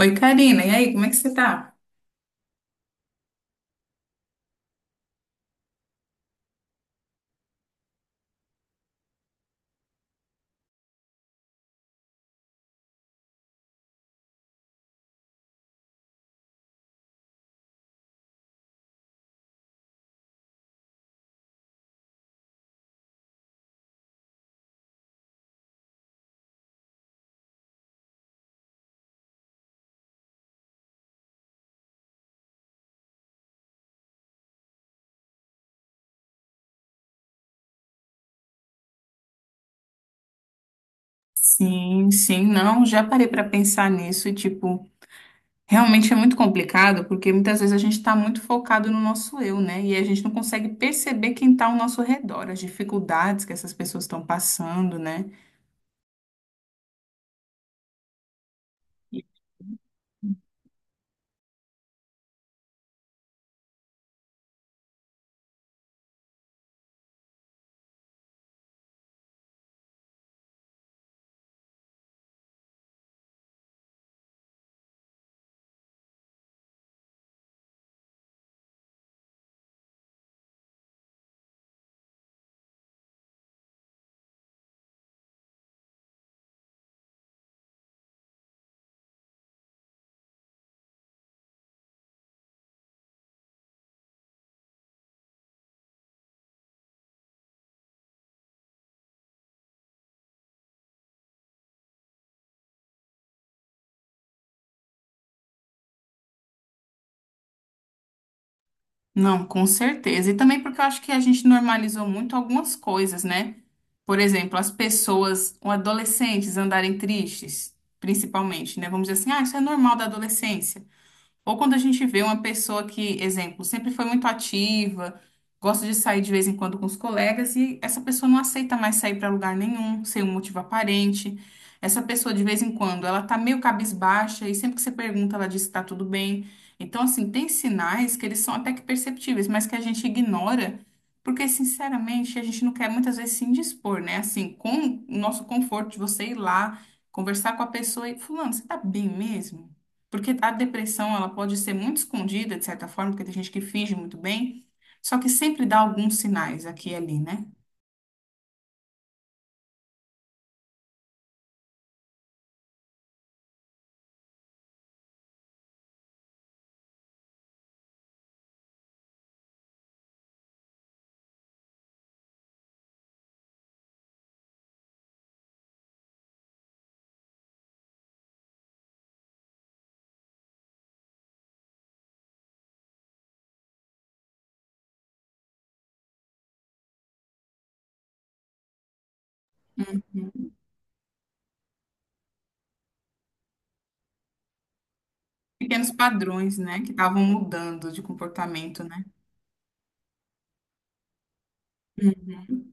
Oi, Karina, e aí, como é que você tá? Sim, sim, não, já parei para pensar nisso e, tipo, realmente é muito complicado, porque muitas vezes a gente está muito focado no nosso eu, né? E a gente não consegue perceber quem está ao nosso redor, as dificuldades que essas pessoas estão passando, né? E- Não, com certeza. E também porque eu acho que a gente normalizou muito algumas coisas, né? Por exemplo, as pessoas, ou adolescentes andarem tristes, principalmente, né? Vamos dizer assim, ah, isso é normal da adolescência. Ou quando a gente vê uma pessoa que, exemplo, sempre foi muito ativa, gosta de sair de vez em quando com os colegas e essa pessoa não aceita mais sair para lugar nenhum, sem um motivo aparente. Essa pessoa de vez em quando, ela tá meio cabisbaixa e sempre que você pergunta, ela diz que tá tudo bem. Então, assim, tem sinais que eles são até que perceptíveis, mas que a gente ignora, porque sinceramente, a gente não quer muitas vezes se indispor, né? Assim, com o nosso conforto de você ir lá, conversar com a pessoa e fulano, você tá bem mesmo? Porque a depressão, ela pode ser muito escondida, de certa forma, porque tem gente que finge muito bem, só que sempre dá alguns sinais aqui e ali, né? Pequenos padrões, né, que estavam mudando de comportamento, né? Uhum.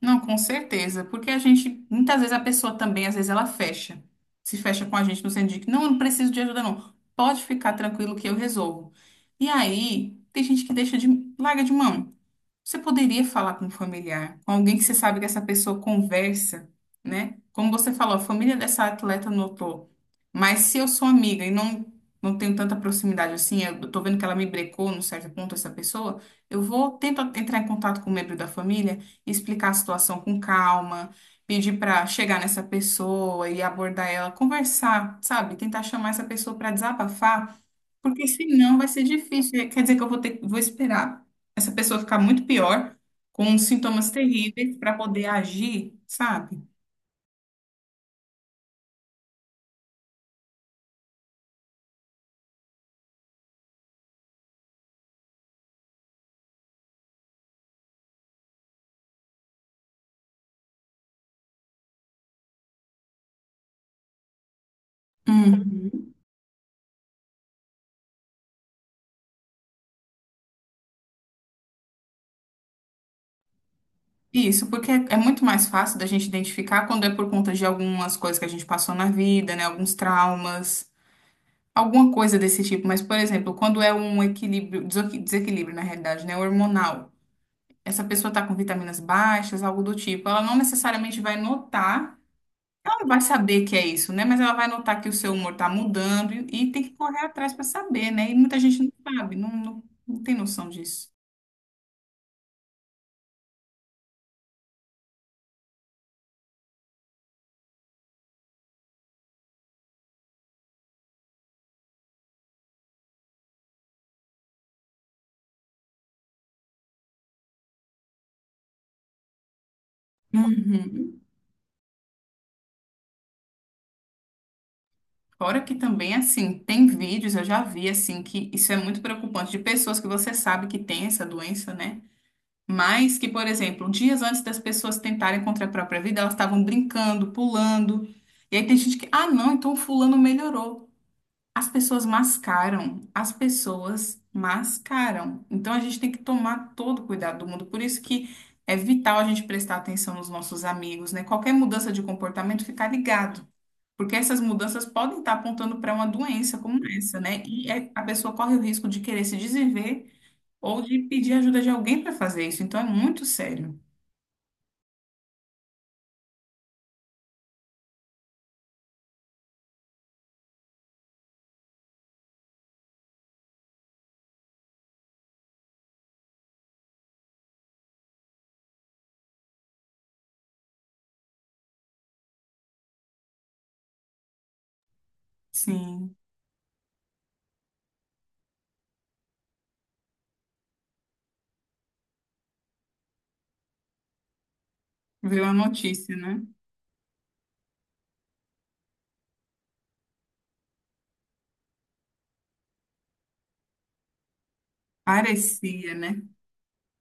Não, com certeza, porque a gente, muitas vezes a pessoa também, às vezes ela fecha, se fecha com a gente no sentido de que não, eu não preciso de ajuda, não, pode ficar tranquilo que eu resolvo. E aí, tem gente que deixa de, larga de mão. Você poderia falar com um familiar, com alguém que você sabe que essa pessoa conversa, né? Como você falou, a família dessa atleta notou. Mas se eu sou amiga e não, não tenho tanta proximidade assim, eu tô vendo que ela me brecou num certo ponto, essa pessoa, eu vou tentar entrar em contato com o membro da família, explicar a situação com calma, pedir para chegar nessa pessoa e abordar ela, conversar, sabe? Tentar chamar essa pessoa para desabafar. Porque senão vai ser difícil. Quer dizer que eu vou ter, vou esperar essa pessoa ficar muito pior, com sintomas terríveis, para poder agir, sabe? Uhum. Isso, porque é, é muito mais fácil da gente identificar quando é por conta de algumas coisas que a gente passou na vida, né? Alguns traumas, alguma coisa desse tipo. Mas, por exemplo, quando é um equilíbrio, desequilíbrio, na realidade, né? Hormonal. Essa pessoa tá com vitaminas baixas, algo do tipo. Ela não necessariamente vai notar. Ela não vai saber que é isso, né? Mas ela vai notar que o seu humor está mudando e tem que correr atrás para saber, né? E muita gente não sabe, não tem noção disso. Uhum. Fora que também, assim, tem vídeos, eu já vi, assim, que isso é muito preocupante, de pessoas que você sabe que tem essa doença, né? Mas que, por exemplo, dias antes das pessoas tentarem contra a própria vida, elas estavam brincando, pulando. E aí tem gente que, ah, não, então fulano melhorou. As pessoas mascaram, as pessoas mascaram. Então a gente tem que tomar todo o cuidado do mundo. Por isso que é vital a gente prestar atenção nos nossos amigos, né? Qualquer mudança de comportamento, ficar ligado. Porque essas mudanças podem estar apontando para uma doença como essa, né? A pessoa corre o risco de querer se desviver ou de pedir ajuda de alguém para fazer isso. Então é muito sério. Sim, viu a notícia, né? Parecia, né?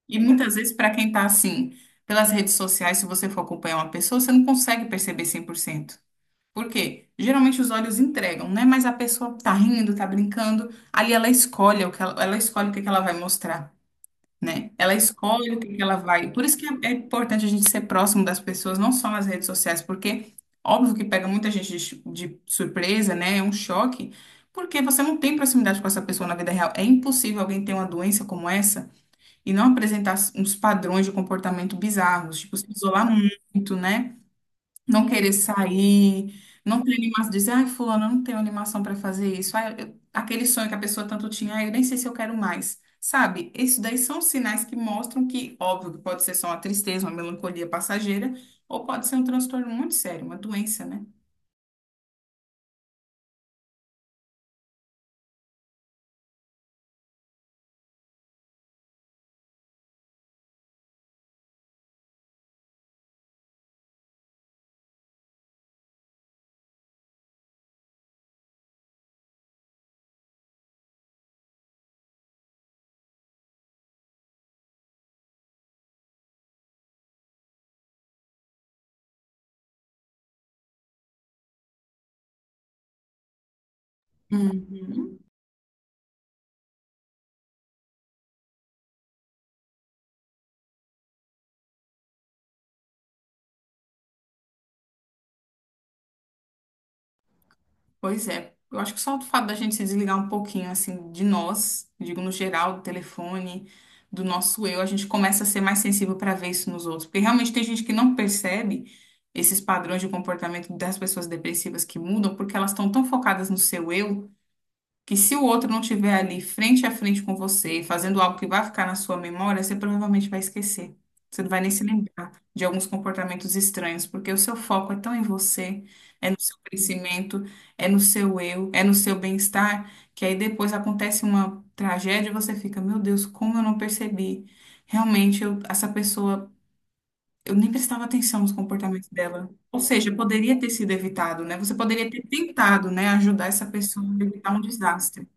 E muitas vezes, para quem está assim, pelas redes sociais, se você for acompanhar uma pessoa, você não consegue perceber 100%. Por cento. Por quê? Geralmente os olhos entregam, né? Mas a pessoa tá rindo, tá brincando, ali ela escolhe o que ela escolhe o que que ela vai mostrar, né? Ela escolhe o que que ela vai. Por isso que é importante a gente ser próximo das pessoas, não só nas redes sociais, porque óbvio que pega muita gente de surpresa, né? É um choque, porque você não tem proximidade com essa pessoa na vida real. É impossível alguém ter uma doença como essa e não apresentar uns padrões de comportamento bizarros, tipo, se isolar muito, né? Não querer sair, não ter animação, dizer, ai, fulano, eu não tenho animação para fazer isso. Ai, aquele sonho que a pessoa tanto tinha, ai, eu nem sei se eu quero mais. Sabe? Isso daí são sinais que mostram que, óbvio, que pode ser só uma tristeza, uma melancolia passageira, ou pode ser um transtorno muito sério, uma doença, né? Uhum. Pois é, eu acho que só o fato da gente se desligar um pouquinho, assim, de nós, digo no geral, do telefone, do nosso eu, a gente começa a ser mais sensível para ver isso nos outros. Porque realmente tem gente que não percebe esses padrões de comportamento das pessoas depressivas que mudam, porque elas estão tão focadas no seu eu que se o outro não tiver ali frente a frente com você, fazendo algo que vai ficar na sua memória, você provavelmente vai esquecer. Você não vai nem se lembrar de alguns comportamentos estranhos, porque o seu foco é tão em você, é no seu crescimento, é no seu eu, é no seu bem-estar, que aí depois acontece uma tragédia e você fica, meu Deus, como eu não percebi? Realmente, essa pessoa, eu nem prestava atenção nos comportamentos dela. Ou seja, poderia ter sido evitado, né? Você poderia ter tentado, né, ajudar essa pessoa a evitar um desastre.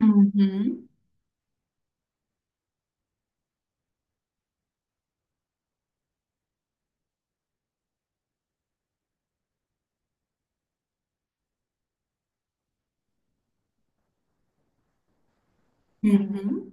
Uhum, uhum.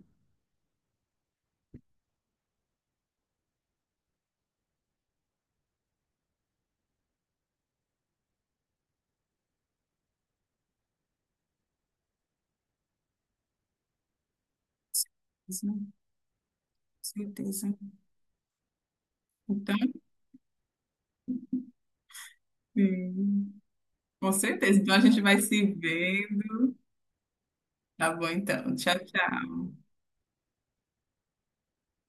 Certeza, certeza. Então, hum, com certeza. Então a gente vai se vendo. Tá bom, então. Tchau, tchau.